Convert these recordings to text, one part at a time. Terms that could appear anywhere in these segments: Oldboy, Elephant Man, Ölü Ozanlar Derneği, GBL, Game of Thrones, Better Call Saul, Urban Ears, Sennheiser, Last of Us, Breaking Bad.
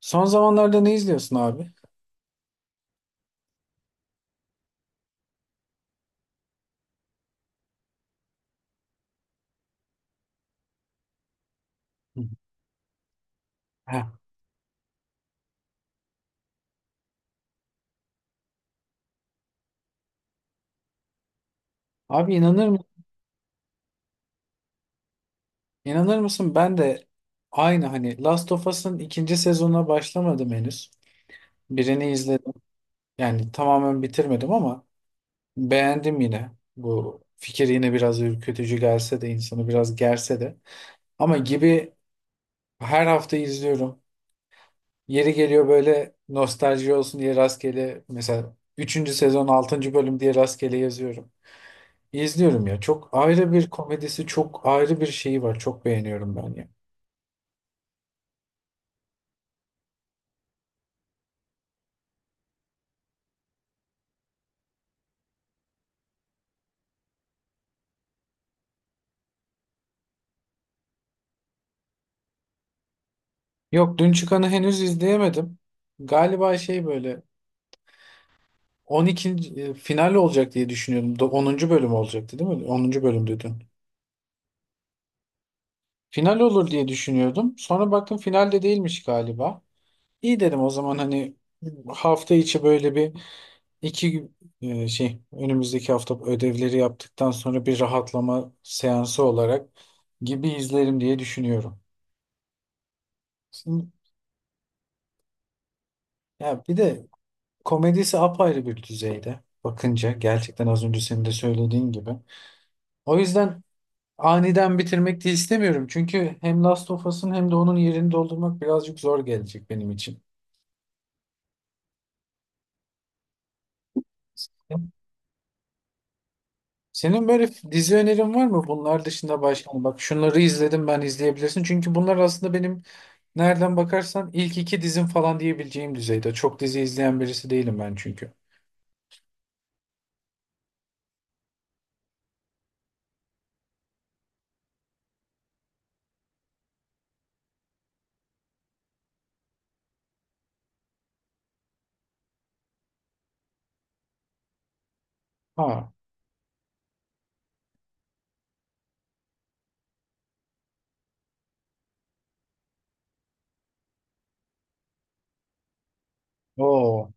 Son zamanlarda ne izliyorsun abi? Hı. Heh. Abi inanır mı? İnanır mısın? Ben de aynı hani Last of Us'ın ikinci sezonuna başlamadım henüz. Birini izledim. Yani tamamen bitirmedim ama beğendim yine. Bu fikir yine biraz ürkütücü gelse de insanı biraz gerse de. Ama gibi her hafta izliyorum. Yeri geliyor böyle nostalji olsun diye rastgele mesela üçüncü sezon altıncı bölüm diye rastgele yazıyorum. İzliyorum ya. Çok ayrı bir komedisi, çok ayrı bir şeyi var. Çok beğeniyorum ben ya. Yok, dün çıkanı henüz izleyemedim. Galiba şey böyle 12. Final olacak diye düşünüyordum. 10. bölüm olacaktı değil mi? 10. bölümdü dün. Final olur diye düşünüyordum. Sonra baktım finalde değilmiş galiba. İyi dedim o zaman hani hafta içi böyle bir İki gün şey önümüzdeki hafta ödevleri yaptıktan sonra bir rahatlama seansı olarak gibi izlerim diye düşünüyorum. Şimdi, ya bir de komedisi apayrı bir düzeyde bakınca gerçekten az önce senin de söylediğin gibi. O yüzden aniden bitirmek de istemiyorum. Çünkü hem Last of Us'ın hem de onun yerini doldurmak birazcık zor gelecek benim için. Senin böyle dizi önerin var mı? Bunlar dışında başka hani bak şunları izledim ben izleyebilirsin. Çünkü bunlar aslında benim nereden bakarsan ilk iki dizim falan diyebileceğim düzeyde. Çok dizi izleyen birisi değilim ben çünkü. Ha, o.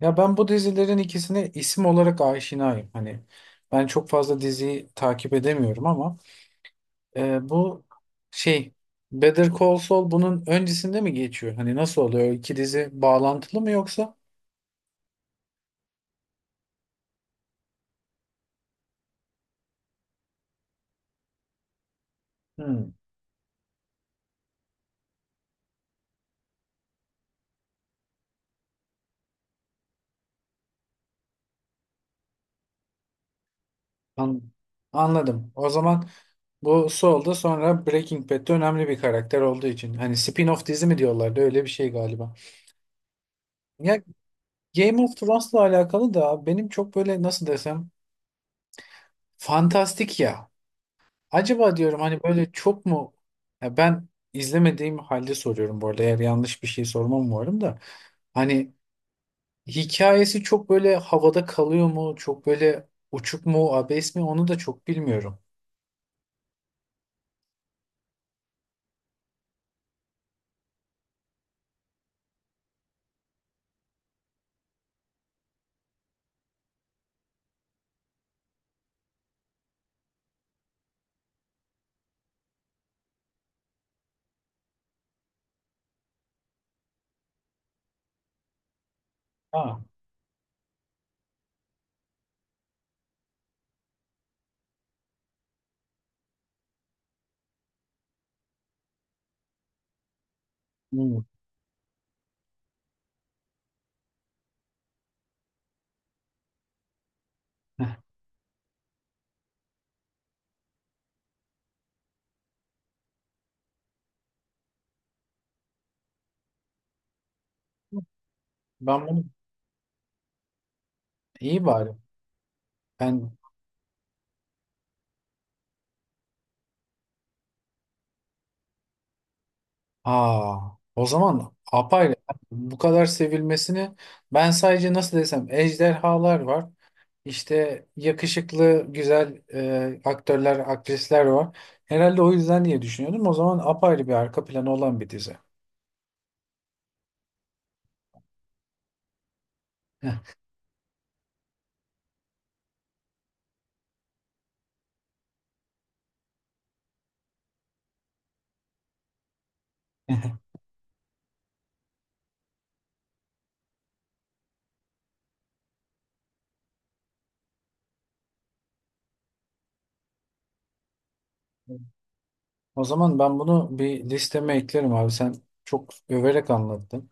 Ya ben bu dizilerin ikisine isim olarak aşinayım. Hani ben çok fazla diziyi takip edemiyorum ama bu şey Better Call Saul bunun öncesinde mi geçiyor? Hani nasıl oluyor? O İki dizi bağlantılı mı yoksa? Hmm, an- anladım. O zaman bu Saul da sonra Breaking Bad'de önemli bir karakter olduğu için. Hani spin-off dizi mi diyorlardı öyle bir şey galiba. Ya Game of Thrones'la alakalı da benim çok böyle nasıl desem fantastik ya. Acaba diyorum hani böyle çok mu ya ben izlemediğim halde soruyorum bu arada eğer yanlış bir şey sormam umarım da. Hani hikayesi çok böyle havada kalıyor mu? Çok böyle uçuk mu, abes mi? Onu da çok bilmiyorum. Ha. Hmm. Heh. Ben bunu iyi bari. Ben. Aa, o zaman apayla bu kadar sevilmesini ben sadece nasıl desem ejderhalar var. İşte yakışıklı güzel aktörler, aktrisler var. Herhalde o yüzden diye düşünüyordum. O zaman apayrı bir arka planı olan bir dizi. O zaman ben bunu bir listeme eklerim abi. Sen çok överek anlattın.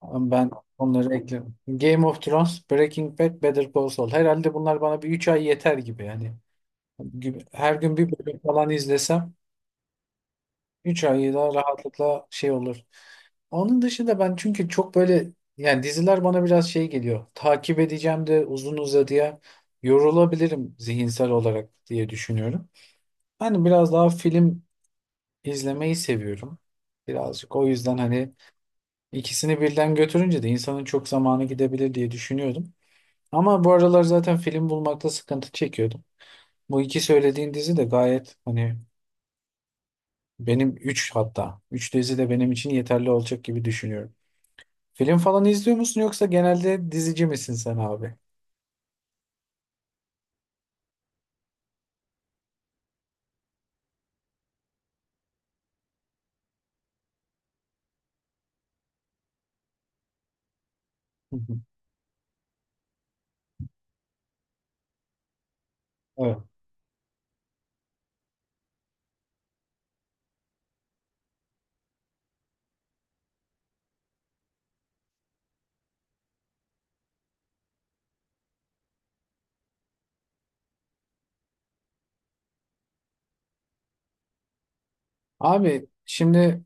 Ama ben onları eklerim. Game of Thrones, Breaking Bad, Better Call Saul. Herhalde bunlar bana bir 3 ay yeter gibi yani. Her gün bir bölüm falan izlesem 3 ayı da rahatlıkla şey olur. Onun dışında ben çünkü çok böyle yani diziler bana biraz şey geliyor. Takip edeceğim de uzun uzadıya yorulabilirim zihinsel olarak diye düşünüyorum. Hani biraz daha film izlemeyi seviyorum. Birazcık o yüzden hani ikisini birden götürünce de insanın çok zamanı gidebilir diye düşünüyordum. Ama bu aralar zaten film bulmakta sıkıntı çekiyordum. Bu iki söylediğin dizi de gayet hani benim 3 hatta. Üç dizi de benim için yeterli olacak gibi düşünüyorum. Film falan izliyor musun yoksa genelde dizici misin sen abi? Hı hı. Evet. Abi şimdi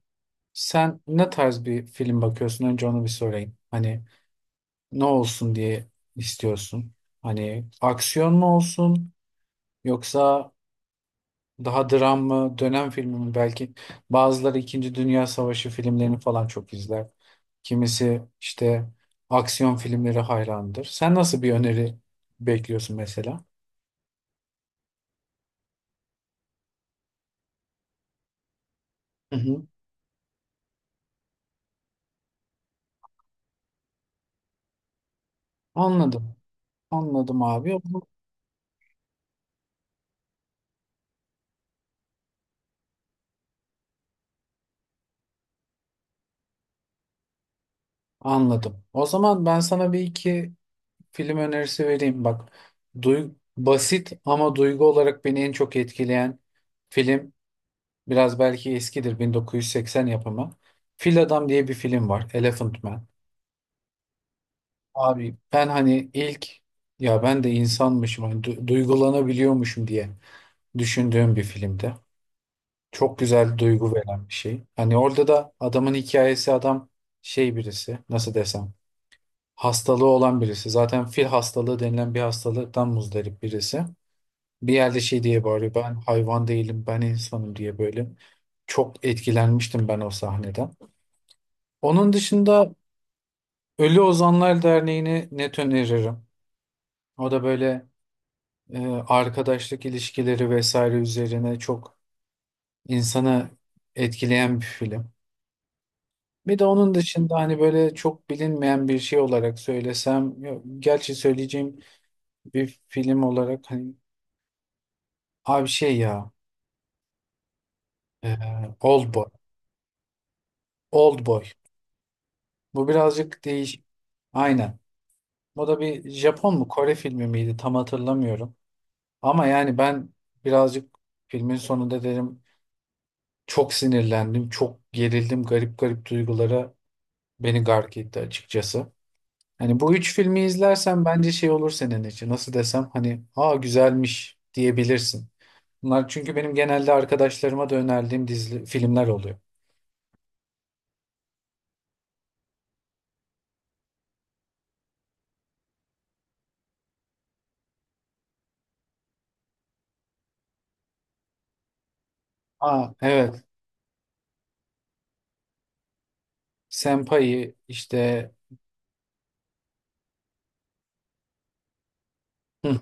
sen ne tarz bir film bakıyorsun? Önce onu bir sorayım. Hani ne olsun diye istiyorsun? Hani aksiyon mu olsun yoksa daha dram mı, dönem filmi mi belki. Bazıları İkinci Dünya Savaşı filmlerini falan çok izler. Kimisi işte aksiyon filmleri hayrandır. Sen nasıl bir öneri bekliyorsun mesela? Hı hı. Anladım. Anladım abi. Anladım. O zaman ben sana bir iki film önerisi vereyim. Bak, duy- basit ama duygu olarak beni en çok etkileyen film biraz belki eskidir 1980 yapımı. Fil Adam diye bir film var. Elephant Man. Abi ben hani ilk ya ben de insanmışım hani duygulanabiliyormuşum diye düşündüğüm bir filmde. Çok güzel duygu veren bir şey. Hani orada da adamın hikayesi adam şey birisi nasıl desem hastalığı olan birisi. Zaten fil hastalığı denilen bir hastalıktan muzdarip birisi. Bir yerde şey diye bağırıyor ben hayvan değilim ben insanım diye böyle. Çok etkilenmiştim ben o sahneden. Onun dışında Ölü Ozanlar Derneği'ni net öneririm. O da böyle e, arkadaşlık ilişkileri vesaire üzerine çok insanı etkileyen bir film. Bir de onun dışında hani böyle çok bilinmeyen bir şey olarak söylesem, gerçi söyleyeceğim bir film olarak hani abi şey ya e, Oldboy. Oldboy. Bu birazcık değişik. Aynen. O da bir Japon mu Kore filmi miydi tam hatırlamıyorum. Ama yani ben birazcık filmin sonunda dedim çok sinirlendim, çok gerildim, garip garip duygulara beni gark etti açıkçası. Hani bu üç filmi izlersen bence şey olur senin için. Nasıl desem hani aa güzelmiş diyebilirsin. Bunlar çünkü benim genelde arkadaşlarıma da önerdiğim dizi filmler oluyor. Aa evet. Senpai işte hı,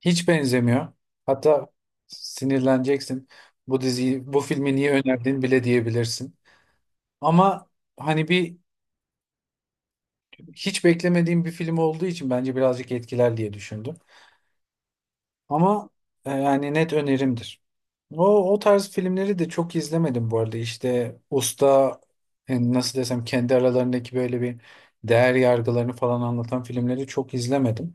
hiç benzemiyor. Hatta sinirleneceksin. Bu diziyi, bu filmi niye önerdin bile diyebilirsin. Ama hani bir hiç beklemediğim bir film olduğu için bence birazcık etkiler diye düşündüm. Ama yani net önerimdir. O, o tarz filmleri de çok izlemedim bu arada. İşte usta yani nasıl desem kendi aralarındaki böyle bir değer yargılarını falan anlatan filmleri çok izlemedim.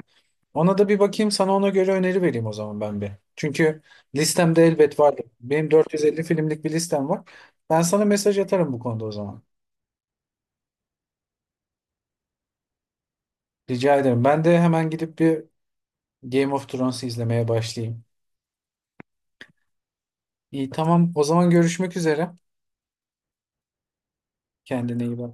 Ona da bir bakayım sana ona göre öneri vereyim o zaman ben bir. Çünkü listemde elbet vardı. Benim 450 filmlik bir listem var. Ben sana mesaj atarım bu konuda o zaman. Rica ederim. Ben de hemen gidip bir Game of Thrones'u izlemeye başlayayım. İyi tamam o zaman görüşmek üzere. Kendine iyi bak.